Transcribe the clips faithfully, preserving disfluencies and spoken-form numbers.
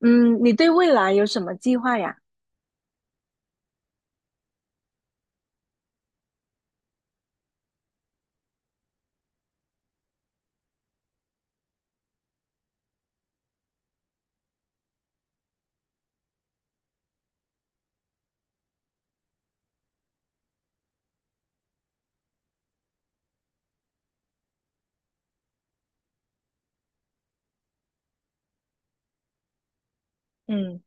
嗯，你对未来有什么计划呀？嗯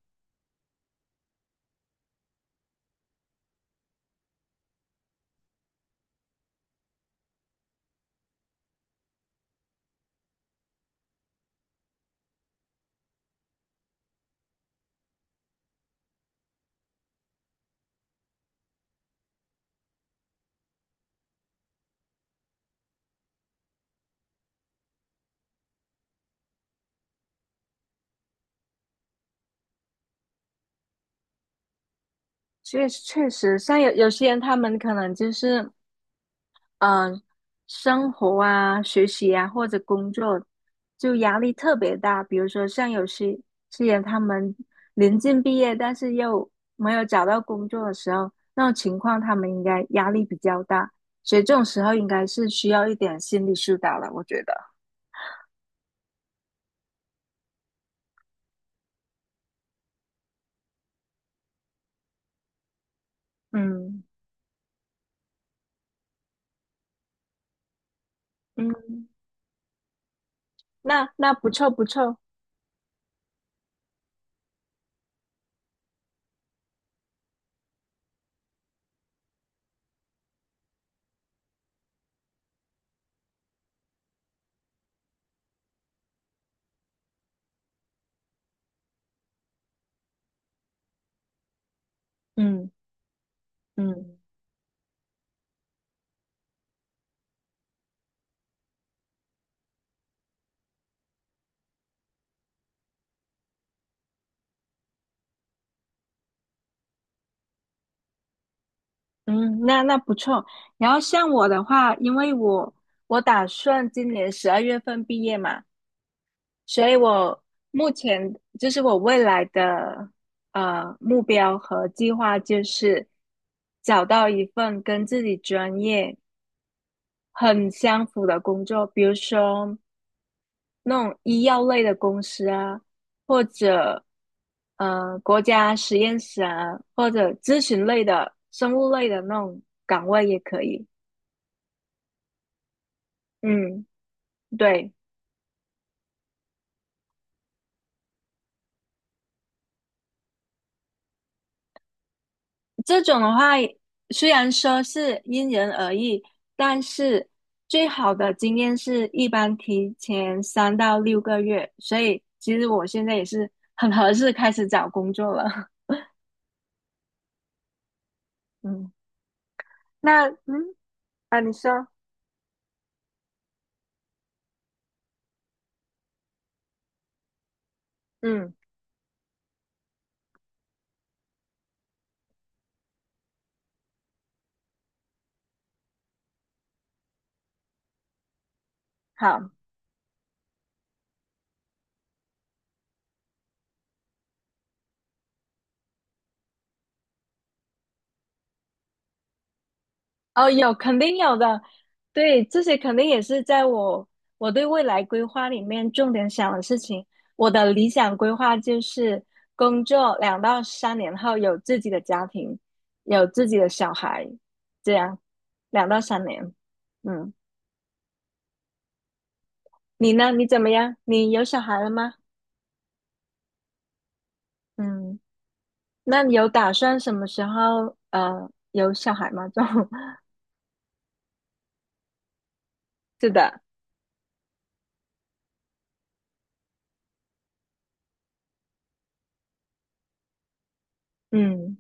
确确实，像有有些人，他们可能就是，嗯、呃生活啊、学习啊或者工作，就压力特别大。比如说，像有些些人，他们临近毕业，但是又没有找到工作的时候，那种情况，他们应该压力比较大，所以这种时候应该是需要一点心理疏导了，我觉得。嗯嗯，那那不错不错。嗯嗯，嗯，那那不错。然后像我的话，因为我我打算今年十二月份毕业嘛，所以我目前就是我未来的呃目标和计划就是找到一份跟自己专业很相符的工作，比如说那种医药类的公司啊，或者呃国家实验室啊，或者咨询类的、生物类的那种岗位也可以。嗯。对，这种的话，虽然说是因人而异，但是最好的经验是一般提前三到六个月。所以其实我现在也是很合适开始找工作了。嗯，那嗯啊，你说，嗯，好。哦，有，肯定有的。对，这些肯定也是在我我对未来规划里面重点想的事情。我的理想规划就是工作两到三年后有自己的家庭，有自己的小孩，这样两到三年。嗯，你呢？你怎么样？你有小孩了吗？嗯，那你有打算什么时候呃有小孩吗？这种是的，嗯，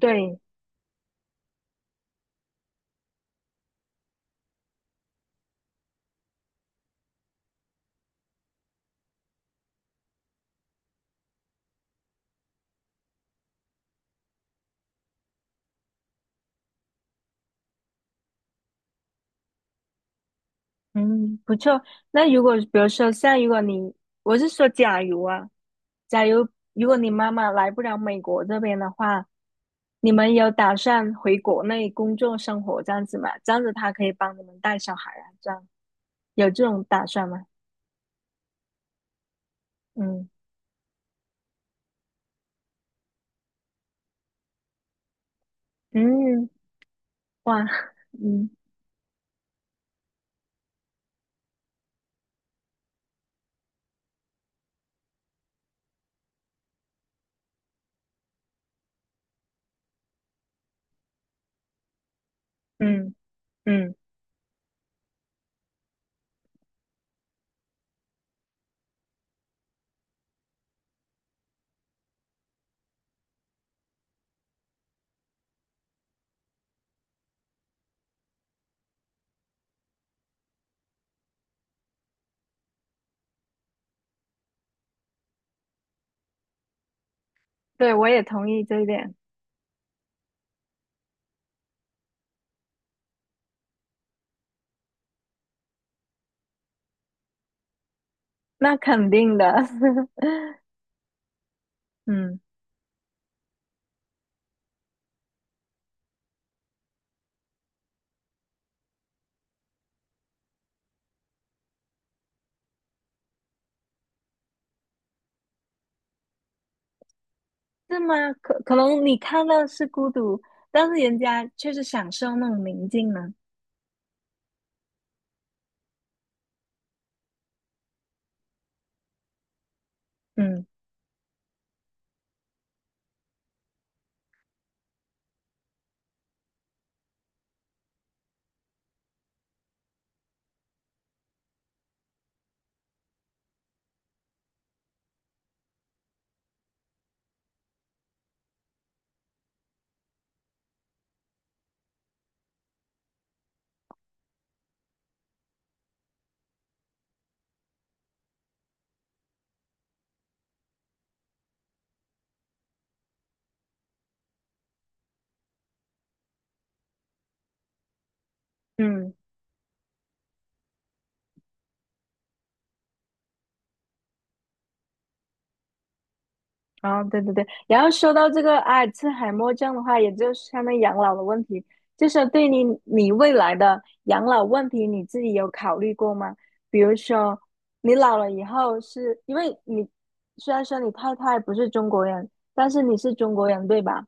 对，嗯，不错。那如果比如说像如果你，我是说假如啊，假如如果你妈妈来不了美国这边的话，你们有打算回国内工作生活这样子吗？这样子她可以帮你们带小孩啊，这样有这种打算吗？嗯嗯，哇，嗯嗯嗯，对，我也同意这一点，那肯定的，嗯。是吗？可可能你看到是孤独，但是人家却是享受那种宁静呢。嗯嗯，哦，对对对。然后说到这个阿尔茨海默症的话，也就是相当于养老的问题，就是对你你未来的养老问题，你自己有考虑过吗？比如说，你老了以后是，因为你虽然说你太太不是中国人，但是你是中国人，对吧？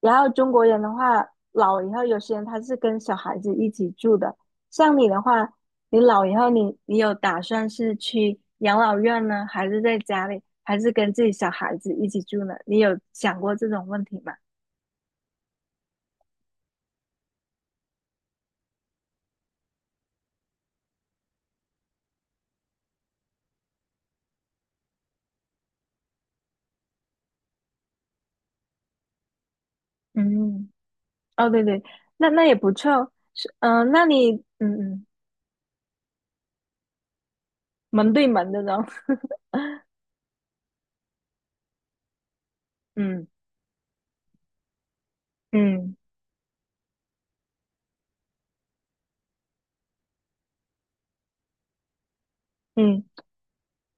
然后中国人的话，老了以后，有些人他是跟小孩子一起住的。像你的话，你老以后你，你有打算是去养老院呢，还是在家里，还是跟自己小孩子一起住呢？你有想过这种问题吗？嗯，哦，对对，那那也不错。是，嗯、那你，嗯嗯，门对门的呢？嗯嗯嗯。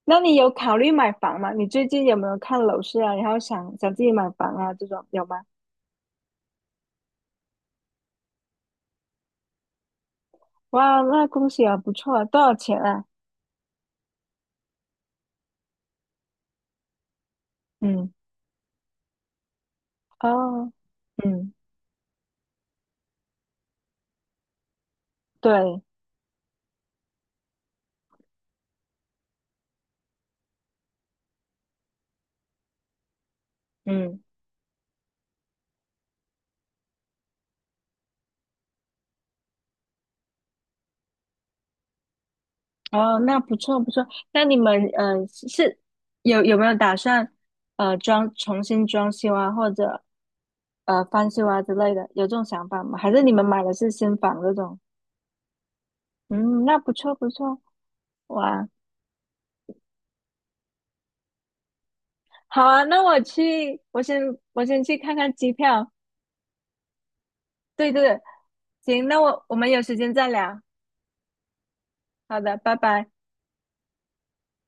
那你有考虑买房吗？你最近有没有看楼市啊？然后想想自己买房啊，这种有吗？哇，那恭喜啊，不错啊，多少钱啊？嗯，哦，嗯，对，嗯，哦，那不错不错。那你们呃是是有有没有打算呃装重新装修啊，或者呃翻修啊之类的？有这种想法吗？还是你们买的是新房这种？嗯，那不错不错，哇，好啊，那我去，我先我先去看看机票，对对对，行，那我我们有时间再聊。好的，拜拜。